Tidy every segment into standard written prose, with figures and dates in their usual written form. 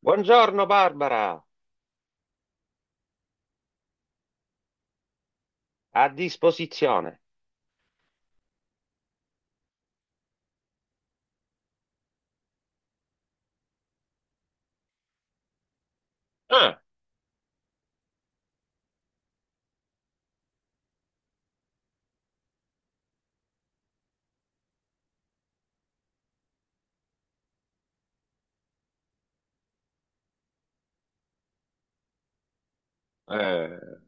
Buongiorno Barbara, a disposizione. Ah, eh,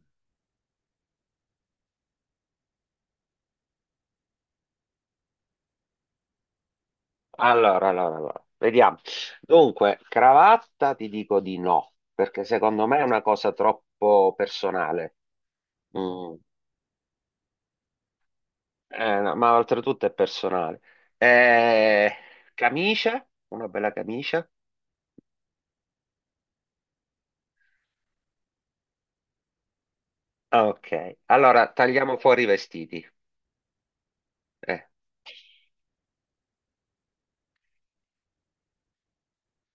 allora, vediamo. Dunque, cravatta ti dico di no, perché secondo me è una cosa troppo personale. Mm, no, ma oltretutto è personale. Eh, Camicia, una bella camicia. Ok, allora tagliamo fuori i vestiti. Eh.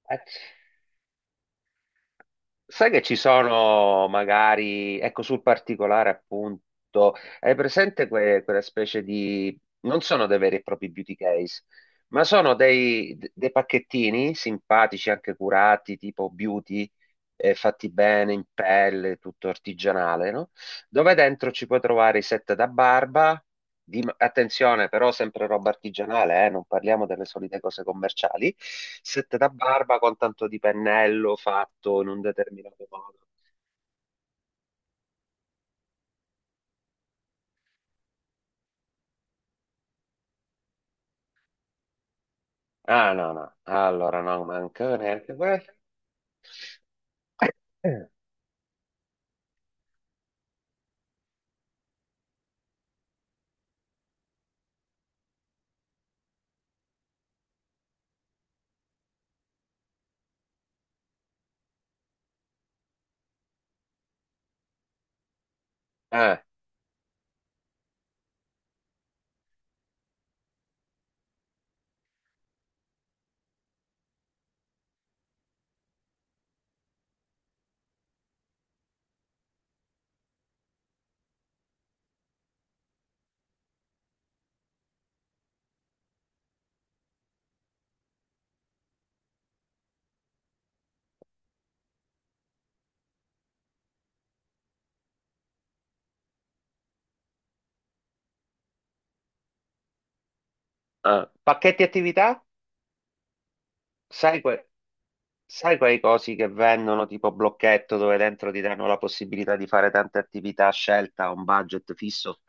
Eh. Sai che ci sono magari, ecco sul particolare appunto, hai presente quella specie di, non sono dei veri e propri beauty case, ma sono dei pacchettini simpatici, anche curati, tipo beauty, fatti bene in pelle, tutto artigianale, no? Dove dentro ci puoi trovare i set da barba. Attenzione, però, sempre roba artigianale, non parliamo delle solite cose commerciali. Set da barba con tanto di pennello fatto in un determinato modo. Ah, no, no, allora no, manca neanche questo. Eh. Eh, Pacchetti attività? Sai, que- Sai quei cosi che vendono tipo blocchetto dove dentro ti danno la possibilità di fare tante attività a scelta a un budget fisso?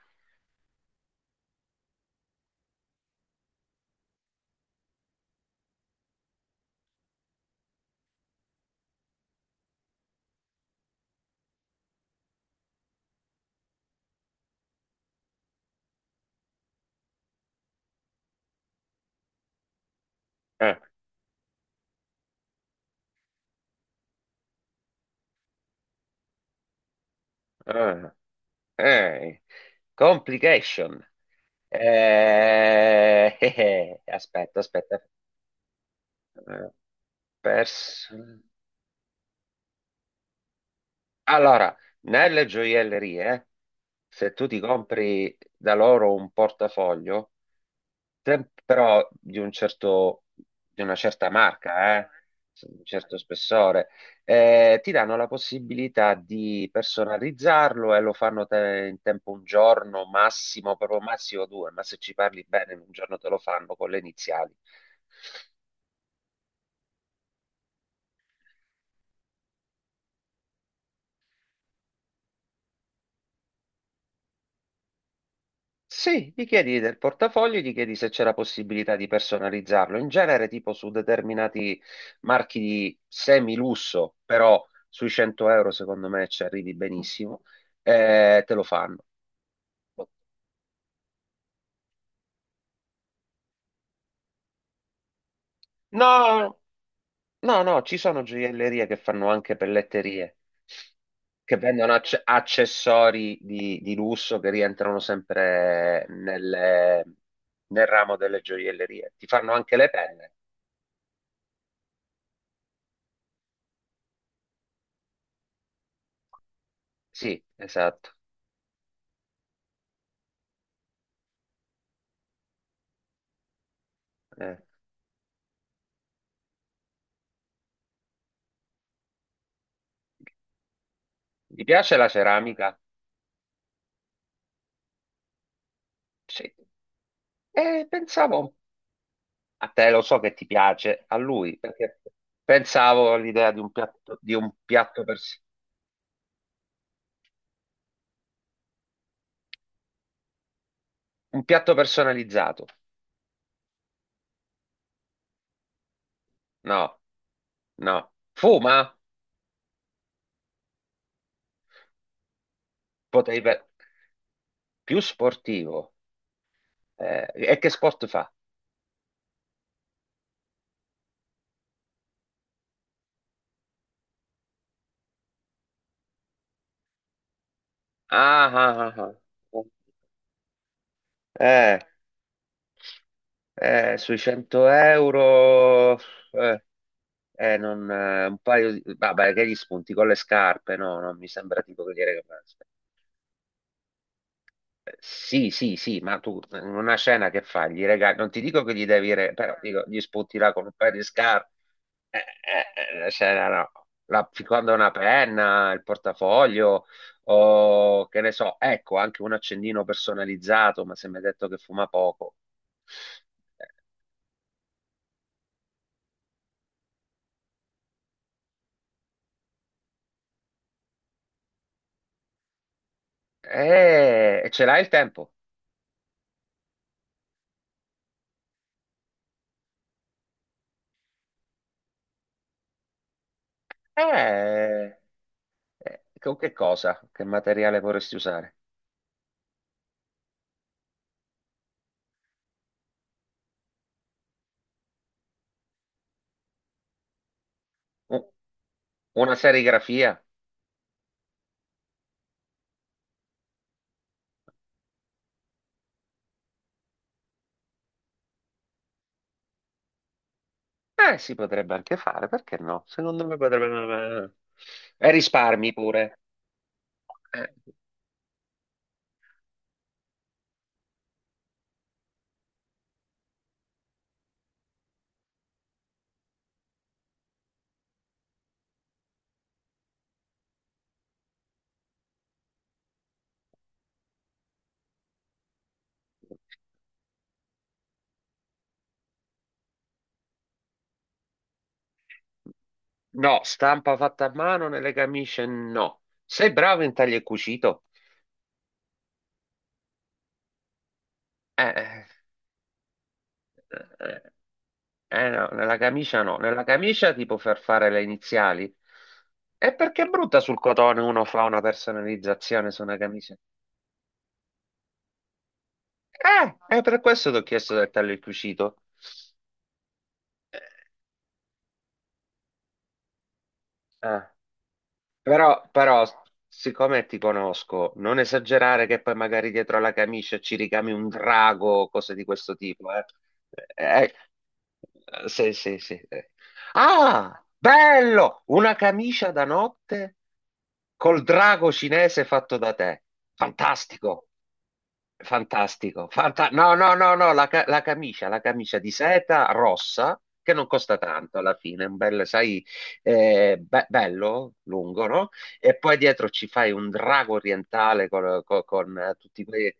Eh, eh, Eh, complication. Aspetta, aspetta. Eh, pers- Allora, nelle gioiellerie, se tu ti compri da loro un portafoglio, sempre però di una certa marca, di un certo spessore, ti danno la possibilità di personalizzarlo e lo fanno in tempo un giorno, massimo, proprio massimo due, ma se ci parli bene in un giorno te lo fanno con le iniziali. Sì, gli chiedi del portafoglio, gli chiedi se c'è la possibilità di personalizzarlo. In genere, tipo su determinati marchi di semi-lusso, però sui 100 euro secondo me ci arrivi benissimo, te lo fanno. No, no, no, ci sono gioiellerie che fanno anche pelletterie, che vendono accessori di lusso che rientrano sempre nel ramo delle gioiellerie. Ti fanno anche le penne. Sì, esatto. eh. Ti piace la ceramica? Sì. E pensavo a te, lo so che ti piace, a lui, perché pensavo all'idea di un piatto, pers- un piatto personalizzato. No, no. Fuma? Potevi pe- Più sportivo. E che sport fa? Ah, ah, ah, ah. Eh, Sui 100 euro, eh, non, un paio di... Vabbè, che gli spunti con le scarpe? No, non mi sembra tipo che dire che... Sì, sì, sì, ma tu in una scena che fai? Gli regali, non ti dico che gli devi, però dico, gli sputi là con un paio di scarpe, la scena no, la, quando una penna, il portafoglio, o che ne so, ecco, anche un accendino personalizzato, ma se mi hai detto che fuma poco, e ce l'hai il tempo? Eh, con che cosa? Che materiale vorresti usare? U- Una serigrafia? Si potrebbe anche fare, perché no? Secondo me potrebbe... E risparmi pure. Eh, no, stampa fatta a mano nelle camicie, no. Sei bravo in taglio e cucito? Eh, eh, eh, no, nella camicia no. Nella camicia ti può far fare le iniziali. E perché è brutta sul cotone uno fa una personalizzazione su una camicia? È per questo ti ho chiesto del taglio e cucito. Eh, eh. Però, siccome ti conosco, non esagerare che poi magari dietro alla camicia ci ricami un drago, cose di questo tipo. Eh, sì, sì, sì. Ah, bello! Una camicia da notte col drago cinese fatto da te. Fantastico! Fantastico. No, no, no, no, la camicia di seta rossa che non costa tanto alla fine, un bel, sai, bello, lungo, no? E poi dietro ci fai un drago orientale con, tutti quei...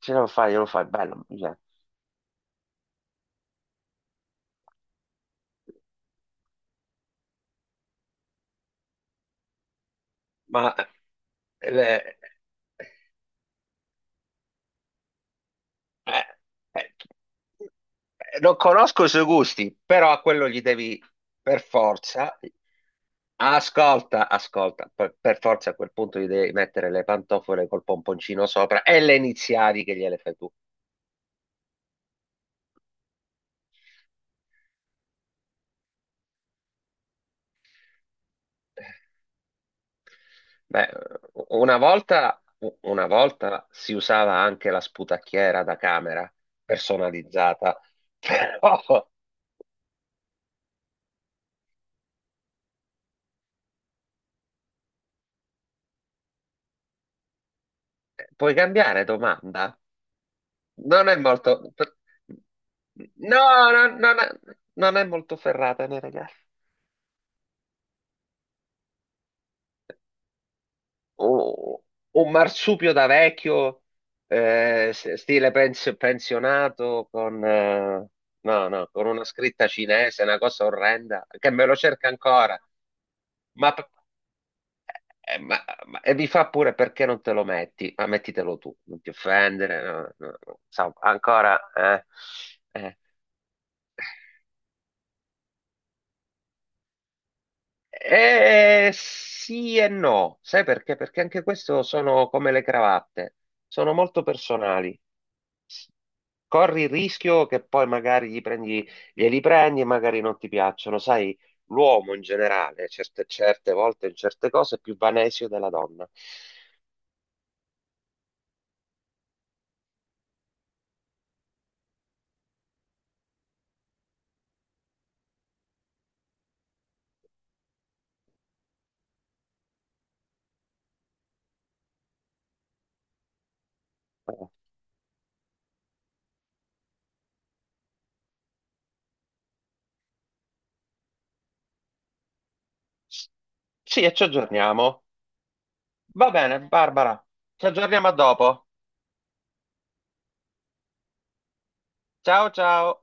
Ce lo fai, bello. Mi piace. Ma, eh, Eh, eh, non conosco i suoi gusti, però a quello gli devi per forza. Ascolta, ascolta, per forza a quel punto gli devi mettere le pantofole col pomponcino sopra e le iniziali che gliele fai tu. Beh, una volta, una volta si usava anche la sputacchiera da camera personalizzata, però puoi cambiare domanda? Non è molto, no, no, non è molto ferrata, né, ragazzi. O- Un marsupio da vecchio, stile pensionato, con, no, no, con una scritta cinese, una cosa orrenda, che me lo cerca ancora. Ma, p- e mi fa pure perché non te lo metti? Ma mettitelo tu, non ti offendere. No, no, no. No." Insomma, ancora. Eh. Eh. sì e no, sai perché? Perché anche questo sono come le cravatte, sono molto personali. S- Corri il rischio che poi magari glieli prendi e magari non ti piacciono. Sai, l'uomo in generale, certe volte in certe cose, è più vanesio della donna. Eh, s- Sì, e ci aggiorniamo. Va bene, Barbara, ci aggiorniamo a dopo. Ciao ciao.